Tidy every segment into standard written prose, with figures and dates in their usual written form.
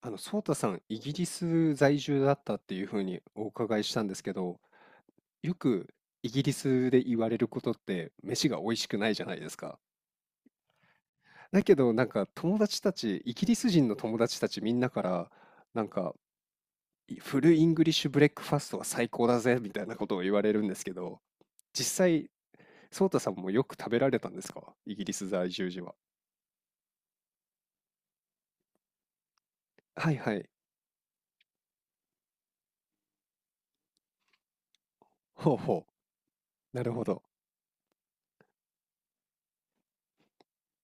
ソータさん、イギリス在住だったっていうふうにお伺いしたんですけど、よくイギリスで言われることって、飯が美味しくないじゃないですか。だけど、なんか友達たち、イギリス人の友達たちみんなから、なんか、いフルイングリッシュブレックファストは最高だぜ、みたいなことを言われるんですけど、実際、ソータさんもよく食べられたんですかイギリス在住時は。はいはい。ほうほう。なるほど。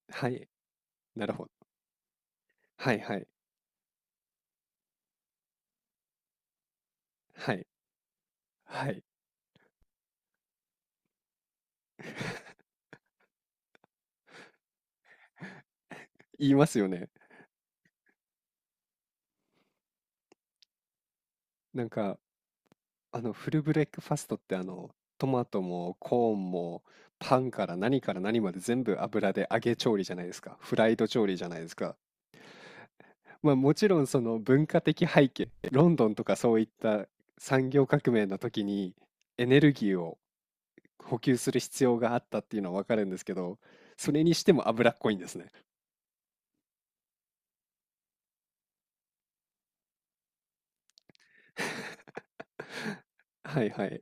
はい。なるほど。はいはい。はい。はい。言いますよね。なんか、フルブレックファストってトマトもコーンもパンから何から何まで全部油で揚げ調理じゃないですか。フライド調理じゃないですか。まあもちろんその文化的背景、ロンドンとかそういった産業革命の時にエネルギーを補給する必要があったっていうのはわかるんですけど、それにしても脂っこいんですね。はいはい。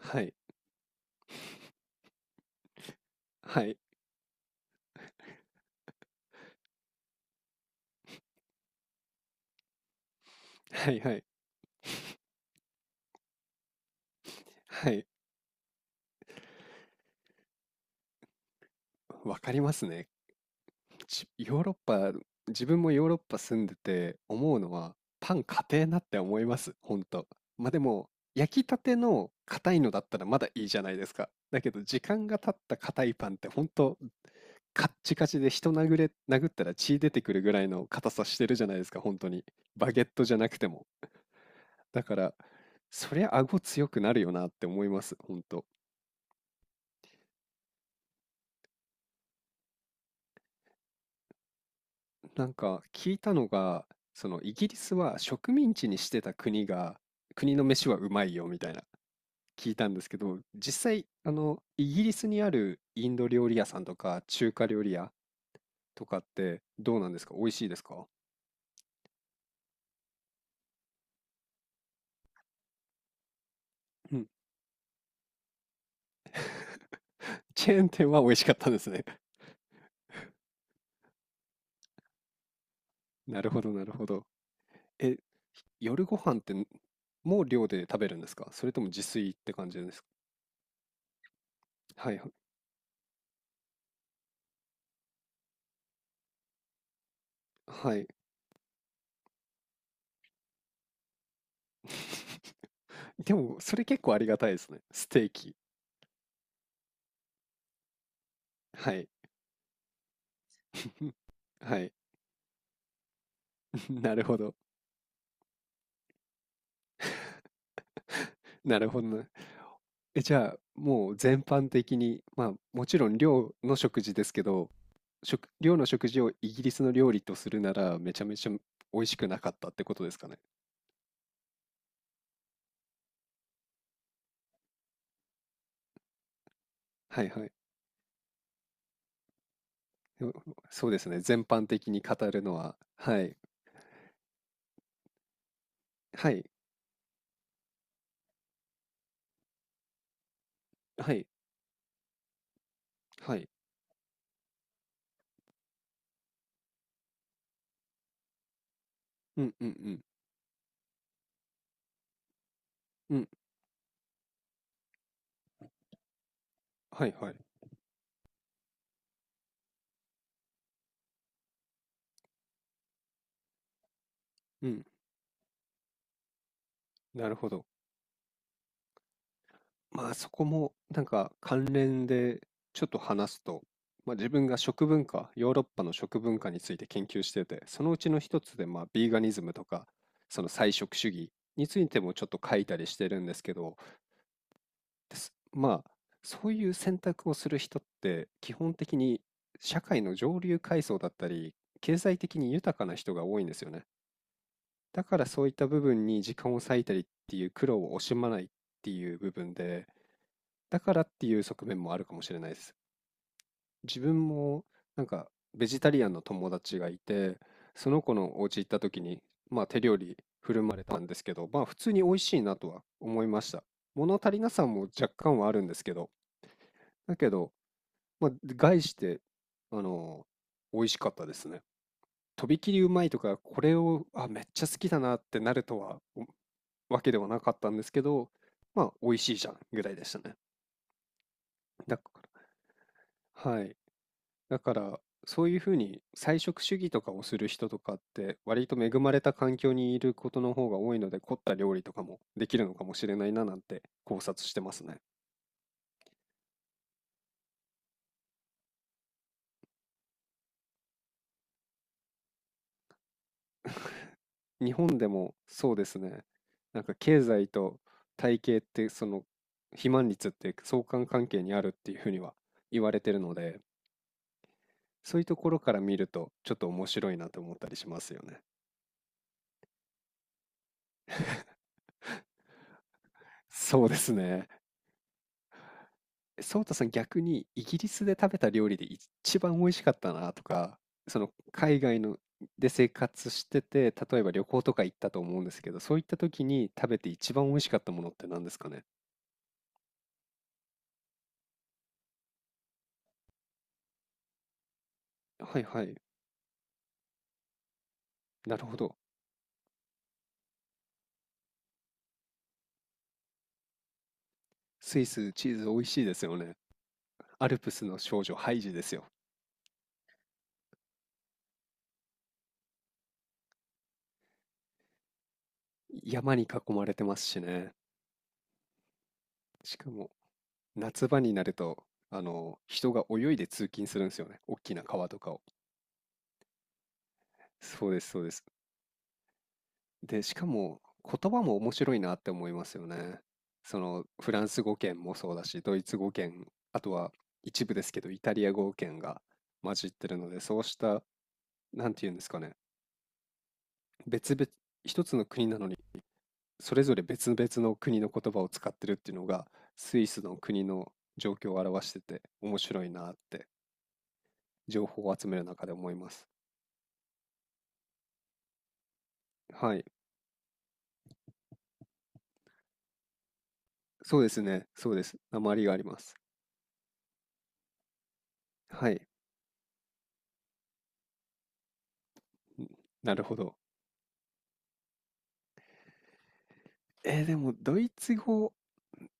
はい。はい。はいはい。はい。わかりますね。ヨーロッパ、自分もヨーロッパ住んでて思うのは、パン硬えなって思います、ほんと。まあでも、焼きたての硬いのだったらまだいいじゃないですか。だけど、時間が経った硬いパンってほんと、カッチカチで人殴れ、殴ったら血出てくるぐらいの硬さしてるじゃないですか、本当に。バゲットじゃなくても。だから、そりゃ顎強くなるよなって思います、本当。なんか聞いたのが、そのイギリスは植民地にしてた国が、国の飯はうまいよみたいな聞いたんですけど、実際、イギリスにあるインド料理屋さんとか中華料理屋とかってどうなんですか美味しいですかうん。チェーン店は美味しかったんですね。なるほど、なるほど。え、夜ご飯ってもう寮で食べるんですかそれとも自炊って感じですかはいはい。はい。でも、それ結構ありがたいですね。ステーキ。はい。はい。なるほど。なるほどな。え、じゃあ、もう全般的に、まあ、もちろん寮の食事ですけど、寮の食事をイギリスの料理とするなら、めちゃめちゃ美味しくなかったってことですかね。はいはい。でもそうですね。全般的に語るのは、はい。はい。はい。はい。うんうんうん。うん。はいはい。うん。なるほど。まあ、そこもなんか関連でちょっと話すと、まあ、自分が食文化、ヨーロッパの食文化について研究してて、そのうちの一つでまあビーガニズムとか、その菜食主義についてもちょっと書いたりしてるんですけど、ですまあそういう選択をする人って基本的に社会の上流階層だったり、経済的に豊かな人が多いんですよね。だからそういった部分に時間を割いたりっていう苦労を惜しまないっていう部分で、だからっていう側面もあるかもしれないです。自分もなんかベジタリアンの友達がいて、その子のお家行った時に、まあ手料理振る舞われたんですけど、まあ普通に美味しいなとは思いました。物足りなさも若干はあるんですけど、だけど、まあ概して、あの、美味しかったですね。とびきりうまいとか、これを、あ、めっちゃ好きだなってなるとは、おわけではなかったんですけど、まあ美味しいじゃんぐらいでしたね。だから、はい。だから、そういうふうに菜食主義とかをする人とかって、割と恵まれた環境にいることの方が多いので、凝った料理とかもできるのかもしれないななんて考察してますね。日本でもそうですね。なんか経済と体型って、その肥満率って相関関係にあるっていうふうには言われてるので、そういうところから見るとちょっと面白いなと思ったりしますよね。そうですね。ソウタさん、逆にイギリスで食べた料理で一番美味しかったなとか、その海外ので生活してて、例えば旅行とか行ったと思うんですけど、そういった時に食べて一番美味しかったものって何ですかね。はいはい。なるほど。スイス、チーズ美味しいですよね。アルプスの少女、ハイジですよ。山に囲まれてますしね。しかも、夏場になると、人が泳いで通勤するんですよね。大きな川とかを。そうです、そうです。で、しかも言葉も面白いなって思いますよね。そのフランス語圏もそうだし、ドイツ語圏、あとは一部ですけど、イタリア語圏が混じってるので、そうした、なんていうんですかね、別々、一つの国なのに、それぞれ別々の国の言葉を使ってるっていうのが、スイスの国の状況を表してて、面白いなって、情報を集める中で思います。はい。そうですね。そうです。訛りがあります。はい。んなるほど。えーでもドイツ語、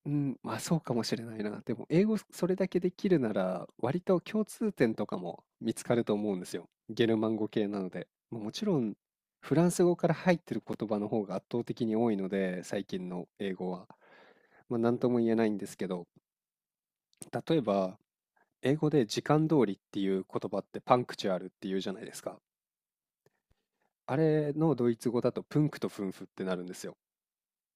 うん、まあ、そうかもしれないな。でも英語それだけできるなら、割と共通点とかも見つかると思うんですよ。ゲルマン語系なので。ま、もちろんフランス語から入ってる言葉の方が圧倒的に多いので、最近の英語は。ま、なんとも言えないんですけど、例えば、英語で時間通りっていう言葉ってパンクチュアルっていうじゃないですか。あれのドイツ語だとプンクとフンフってなるんですよ。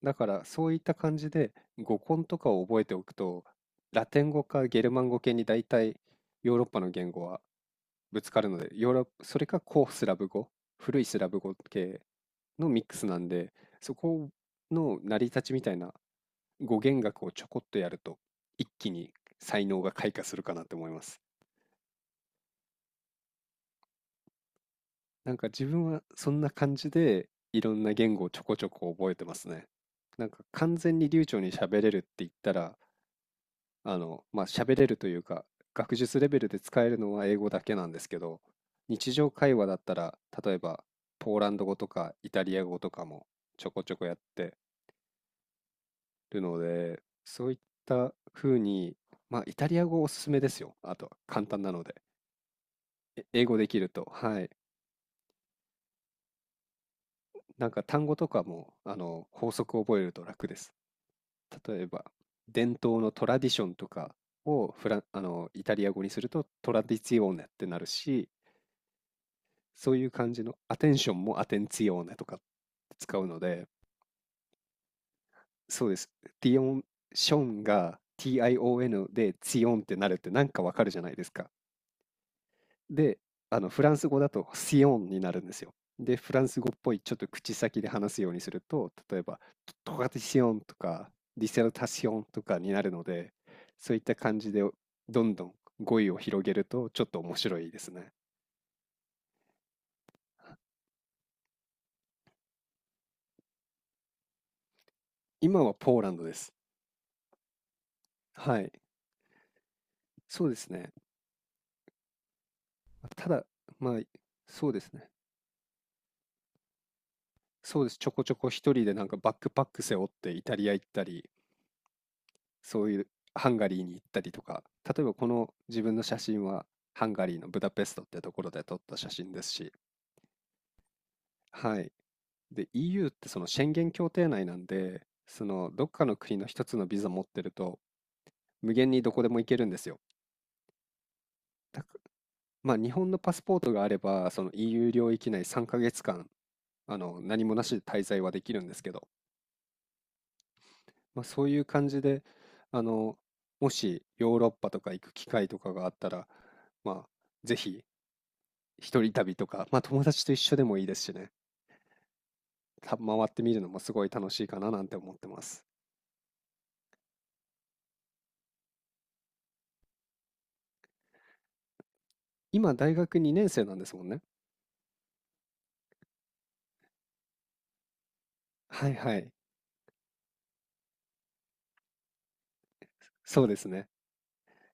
だからそういった感じで語根とかを覚えておくとラテン語かゲルマン語系に大体ヨーロッパの言語はぶつかるのでヨーロッそれか古いスラブ語系のミックスなんでそこの成り立ちみたいな語源学をちょこっとやると一気に才能が開花するかなって思います。なんか自分はそんな感じでいろんな言語をちょこちょこ覚えてますね。なんか完全に流暢に喋れるって言ったら喋れるというか、学術レベルで使えるのは英語だけなんですけど、日常会話だったら、例えば、ポーランド語とかイタリア語とかもちょこちょこやってるので、そういった風に、まあ、イタリア語おすすめですよ。あと、簡単なので。え英語できると、はい。なんか単語とかも、法則を覚えると楽です。例えば、伝統のトラディションとかをフラン、あの、イタリア語にするとトラディツィオーネってなるし、そういう感じのアテンションもアテンツィオーネとかって使うので、そうです。ティオンションが TION でツィオンってなるってなんかわかるじゃないですか。で、あのフランス語だとシオンになるんですよ。で、フランス語っぽいちょっと口先で話すようにすると、例えばトカティシオンとかディセルタシオンとかになるので、そういった感じでどんどん語彙を広げるとちょっと面白いですね。今はポーランドです。はい。そうですね。まただ、まあ、そうですね。そうです。ちょこちょこ一人でなんかバックパック背負ってイタリア行ったり、そういうハンガリーに行ったりとか、例えばこの自分の写真はハンガリーのブダペストってところで撮った写真ですし、はい。で、EU ってその宣言協定内なんで、そのどっかの国の一つのビザ持ってると、無限にどこでも行けるんですよ。だかまあ、日本のパスポートがあれば、その EU 領域内3ヶ月間、何もなしで滞在はできるんですけど、まあ、そういう感じで、あの、もしヨーロッパとか行く機会とかがあったら、まあ、ぜひ一人旅とか、まあ、友達と一緒でもいいですしね、た回ってみるのもすごい楽しいかななんて思ってます。今、大学2年生なんですもんね。はいはい。そうですね。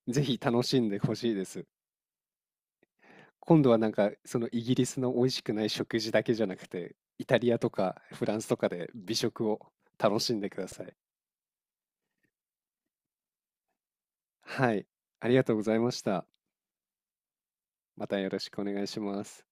ぜひ楽しんでほしいです。今度はなんか、そのイギリスの美味しくない食事だけじゃなくて、イタリアとかフランスとかで美食を楽しんでください。はい。ありがとうございました。またよろしくお願いします。